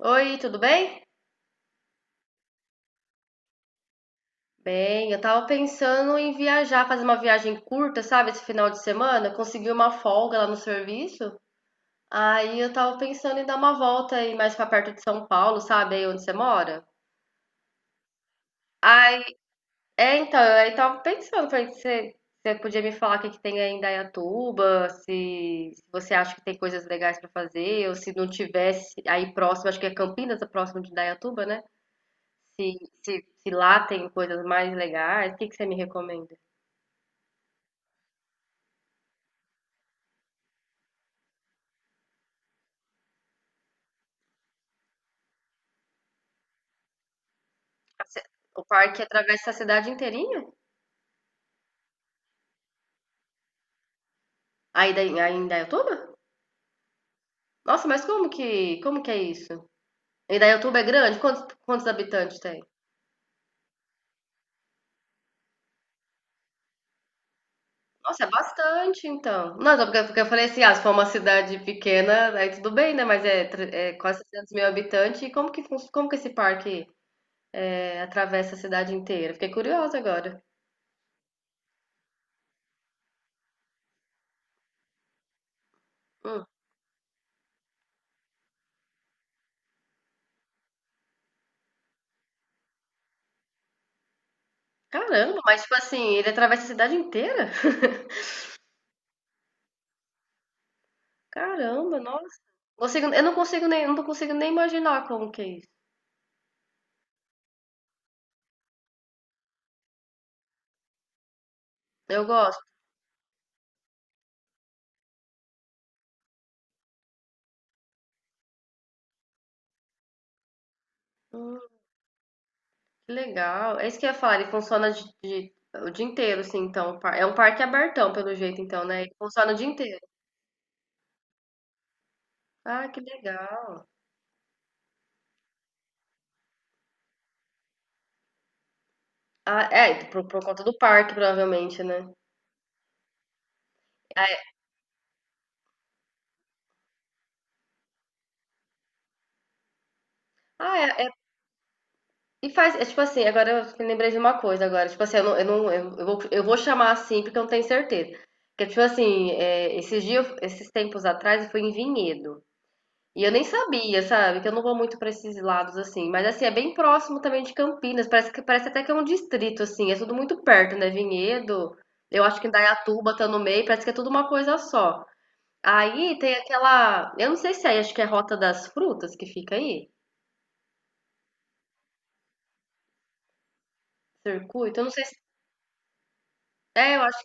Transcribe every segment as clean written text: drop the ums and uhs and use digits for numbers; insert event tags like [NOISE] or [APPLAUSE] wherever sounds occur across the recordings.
Oi, tudo bem? Bem, eu tava pensando em viajar, fazer uma viagem curta, sabe, esse final de semana, consegui uma folga lá no serviço. Aí eu tava pensando em dar uma volta aí mais pra perto de São Paulo, sabe, aí onde você mora. Aí, é, então, eu aí tava pensando, falei, você podia me falar o que que tem aí em Indaiatuba, se você acha que tem coisas legais pra fazer, ou se não tivesse aí próximo, acho que é Campinas, é próximo de Indaiatuba, né? Se, se lá tem coisas mais legais, o que que você me recomenda? A ci- O parque atravessa a cidade inteirinha? Aí em Indaiatuba? Nossa, mas como que é isso? Indaiatuba é grande? Quantos habitantes tem? Nossa, é bastante, então. Não, só porque eu falei assim, ah, se for uma cidade pequena, aí tudo bem, né? Mas é quase 300 mil habitantes. E como que esse parque atravessa a cidade inteira? Fiquei curiosa agora. Hum, Caramba, mas tipo assim, ele atravessa a cidade inteira? [LAUGHS] Caramba, nossa. Eu não consigo nem imaginar como que é isso. Eu gosto. Hum, que legal. É isso que eu ia falar, ele funciona o dia inteiro, assim, então. É um parque abertão, pelo jeito, então, né? Ele funciona o dia inteiro. Ah, que legal. Ah, é, por conta do parque, provavelmente, né? Ah, e faz, é tipo assim, agora eu me lembrei de uma coisa agora, tipo assim, eu não, eu não, eu, eu vou chamar assim porque eu não tenho certeza. Porque, tipo assim, esses dias, esses tempos atrás, eu fui em Vinhedo. E eu nem sabia, sabe? Que eu não vou muito pra esses lados assim. Mas assim, é bem próximo também de Campinas. Parece que parece até que é um distrito, assim. É tudo muito perto, né? Vinhedo. Eu acho que Indaiatuba tá no meio. Parece que é tudo uma coisa só. Aí tem aquela. Eu não sei se é aí, acho que é Rota das Frutas que fica aí. Circuito. Eu não sei se. É, eu acho.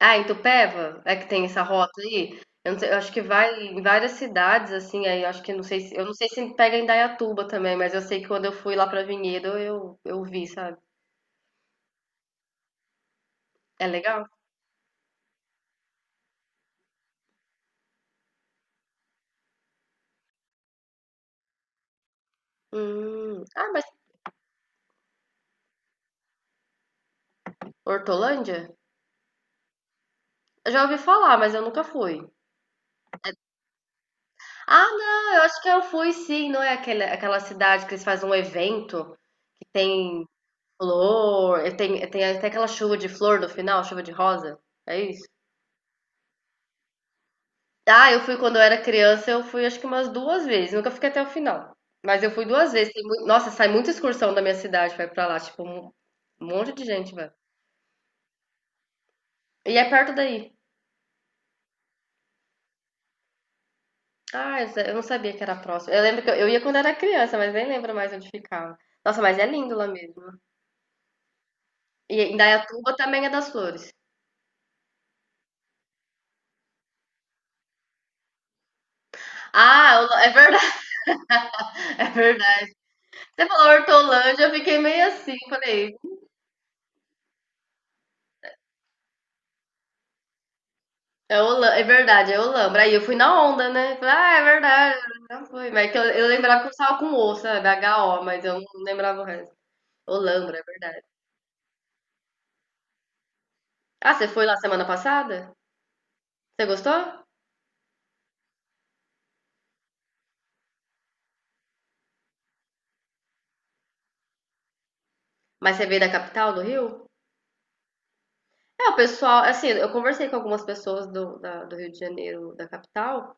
Ah, em Itupeva é que tem essa rota aí. Eu, não sei, eu acho que vai em várias cidades, assim, aí eu acho que não sei se, eu não sei se pega em Indaiatuba também, mas eu sei que quando eu fui lá pra Vinhedo, eu vi, sabe? É legal? Hum. Ah, mas Hortolândia? Eu já ouvi falar, mas eu nunca fui. Ah, não, eu acho que eu fui sim, não é aquela cidade que eles fazem um evento que tem flor, e tem até aquela chuva de flor no final, chuva de rosa. É isso? Ah, eu fui quando eu era criança, eu fui acho que umas duas vezes, nunca fiquei até o final. Mas eu fui duas vezes. Nossa, sai muita excursão da minha cidade, vai pra lá, tipo, um monte de gente, vai. E é perto daí. Ah, eu não sabia que era próximo. Eu lembro que eu ia quando era criança, mas nem lembro mais onde ficava. Nossa, mas é lindo lá mesmo. E Indaiatuba também é das flores. Ah, é verdade, [LAUGHS] é verdade. Você falou Hortolândia, eu fiquei meio assim, falei, é verdade, é Olambra. Aí eu fui na onda, né? Falei, ah, é verdade, já foi. Mas é que eu lembrava que eu estava com o, sabe? HO, mas eu não lembrava o resto. Olambra, é verdade. Ah, você foi lá semana passada? Você gostou? Mas você veio da capital do Rio? É, o pessoal, assim, eu conversei com algumas pessoas do Rio de Janeiro, da capital,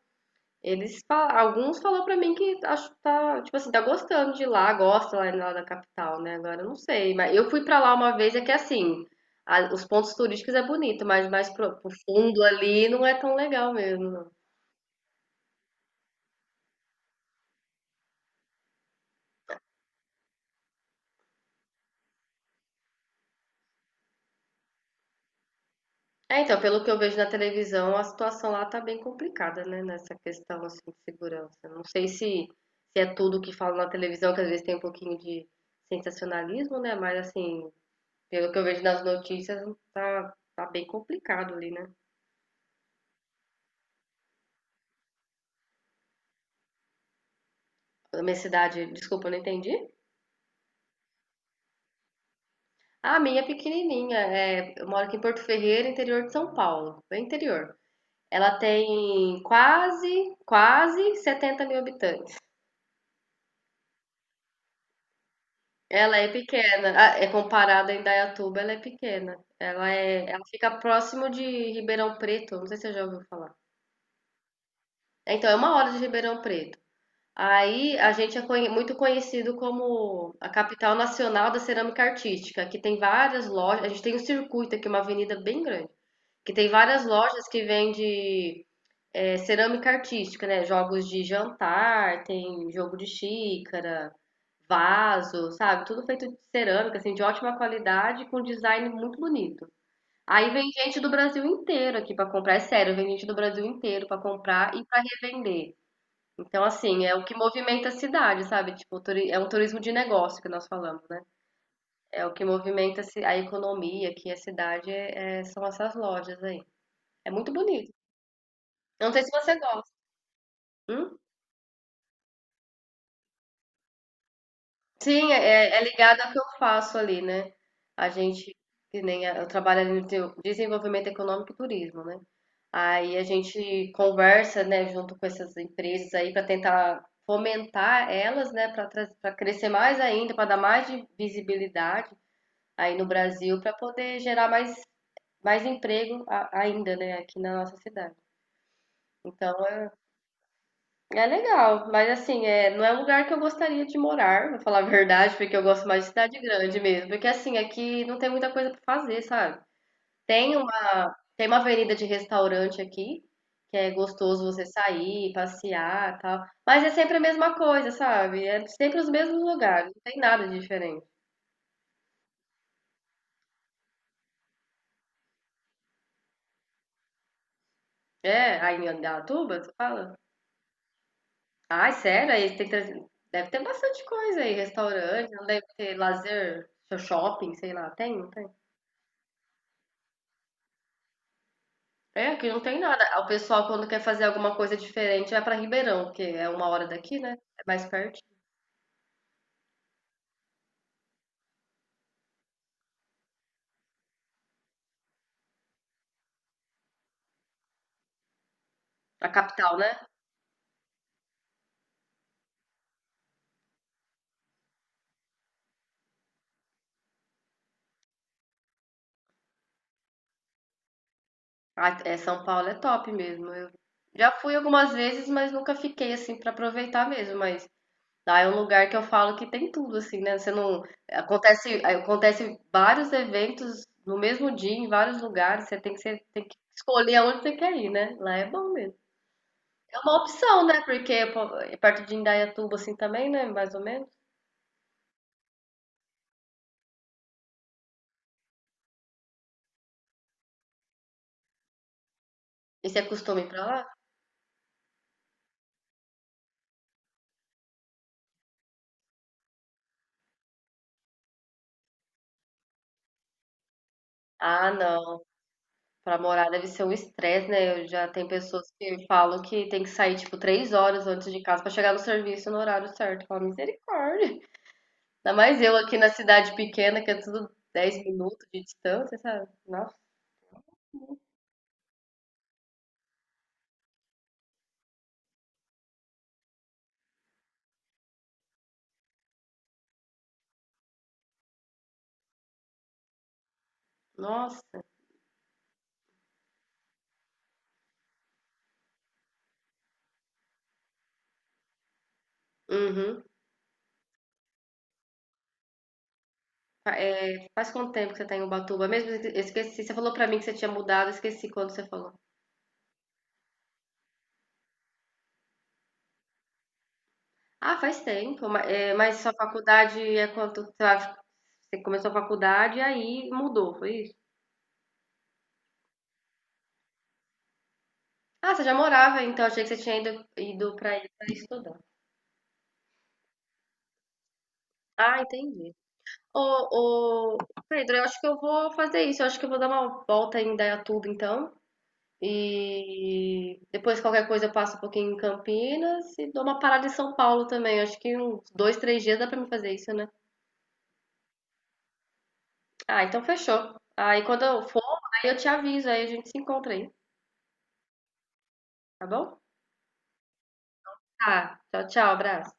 alguns falaram pra mim que acho tá, tipo assim, tá gostando de lá, gosta lá da capital, né? Agora eu não sei, mas eu fui pra lá uma vez, é que assim, os pontos turísticos é bonito, mas mais pro fundo ali não é tão legal mesmo, É, então, pelo que eu vejo na televisão, a situação lá tá bem complicada, né? Nessa questão assim, de segurança. Não sei se é tudo que falam na televisão, que às vezes tem um pouquinho de sensacionalismo, né? Mas assim, pelo que eu vejo nas notícias, tá bem complicado ali, né? A minha cidade, desculpa, eu não entendi. Ah, a minha é pequenininha. É, eu moro aqui em Porto Ferreira, interior de São Paulo, bem interior. Ela tem quase 70 mil habitantes. Ela é pequena, ah, é comparada a Indaiatuba, ela é pequena. Ela fica próximo de Ribeirão Preto, não sei se você já ouviu falar. Então, é uma hora de Ribeirão Preto. Aí a gente é muito conhecido como a capital nacional da cerâmica artística, que tem várias lojas, a gente tem um circuito aqui, uma avenida bem grande, que tem várias lojas que vende cerâmica artística, né? Jogos de jantar, tem jogo de xícara, vaso, sabe? Tudo feito de cerâmica, assim, de ótima qualidade, com design muito bonito. Aí vem gente do Brasil inteiro aqui pra comprar, é sério, vem gente do Brasil inteiro pra comprar e pra revender. Então, assim, é o que movimenta a cidade, sabe? Tipo, é um turismo de negócio que nós falamos, né? É o que movimenta a economia aqui, a cidade, são essas lojas aí. É muito bonito. Eu não sei se você gosta. Hum? Sim, é ligado ao que eu faço ali, né? A gente, que nem eu trabalho ali no desenvolvimento econômico e turismo, né? Aí a gente conversa, né, junto com essas empresas aí para tentar fomentar elas, né, para crescer mais ainda, para dar mais de visibilidade aí no Brasil, para poder gerar mais emprego ainda, né, aqui na nossa cidade. Então é legal, mas assim, não é um lugar que eu gostaria de morar, vou falar a verdade, porque eu gosto mais de cidade grande mesmo. Porque assim, aqui não tem muita coisa pra fazer, sabe? Tem uma avenida de restaurante aqui, que é gostoso você sair, passear, e tal. Mas é sempre a mesma coisa, sabe? É sempre os mesmos lugares, não tem nada de diferente. É, aí em Indaiatuba, tu fala? Ai, sério? Aí deve ter bastante coisa aí, restaurante, não deve ter lazer, shopping, sei lá, tem, não tem? É, aqui não tem nada. O pessoal, quando quer fazer alguma coisa diferente, vai pra Ribeirão, que é uma hora daqui, né? É mais perto. A capital, né? Ah, é, São Paulo é top mesmo. Eu já fui algumas vezes, mas nunca fiquei assim pra aproveitar mesmo. Mas lá é um lugar que eu falo que tem tudo, assim, né? Você não. Acontece vários eventos no mesmo dia, em vários lugares. Você tem que escolher aonde você quer ir, né? Lá é bom mesmo. É uma opção, né? Porque pô, é perto de Indaiatuba, assim também, né? Mais ou menos. E você costuma ir pra lá? Ah, não. Pra morar deve ser um estresse, né? Eu já tem pessoas que falam que tem que sair tipo 3 horas antes de casa pra chegar no serviço no horário certo. Fala, misericórdia. Ainda mais eu aqui na cidade pequena, que é tudo 10 minutos de distância, sabe? Nossa. Nossa. Uhum. Faz quanto tempo que você tá em Ubatuba? Mesmo eu esqueci, você falou pra mim que você tinha mudado, eu esqueci quando você falou. Ah, faz tempo. Mas, sua faculdade é quanto? Você começou a faculdade e aí mudou, foi Ah, você já morava, então achei que você tinha ido, para aí para estudar. Ah, entendi. Ô, Pedro, eu acho que eu vou fazer isso. Eu acho que eu vou dar uma volta em Indaiatuba, então. E depois, qualquer coisa, eu passo um pouquinho em Campinas e dou uma parada em São Paulo também. Eu acho que uns dois, três dias dá pra mim fazer isso, né? Ah, então fechou. Aí quando eu for, aí eu te aviso, aí a gente se encontra aí, tá bom? Tá, tchau, tchau, abraço.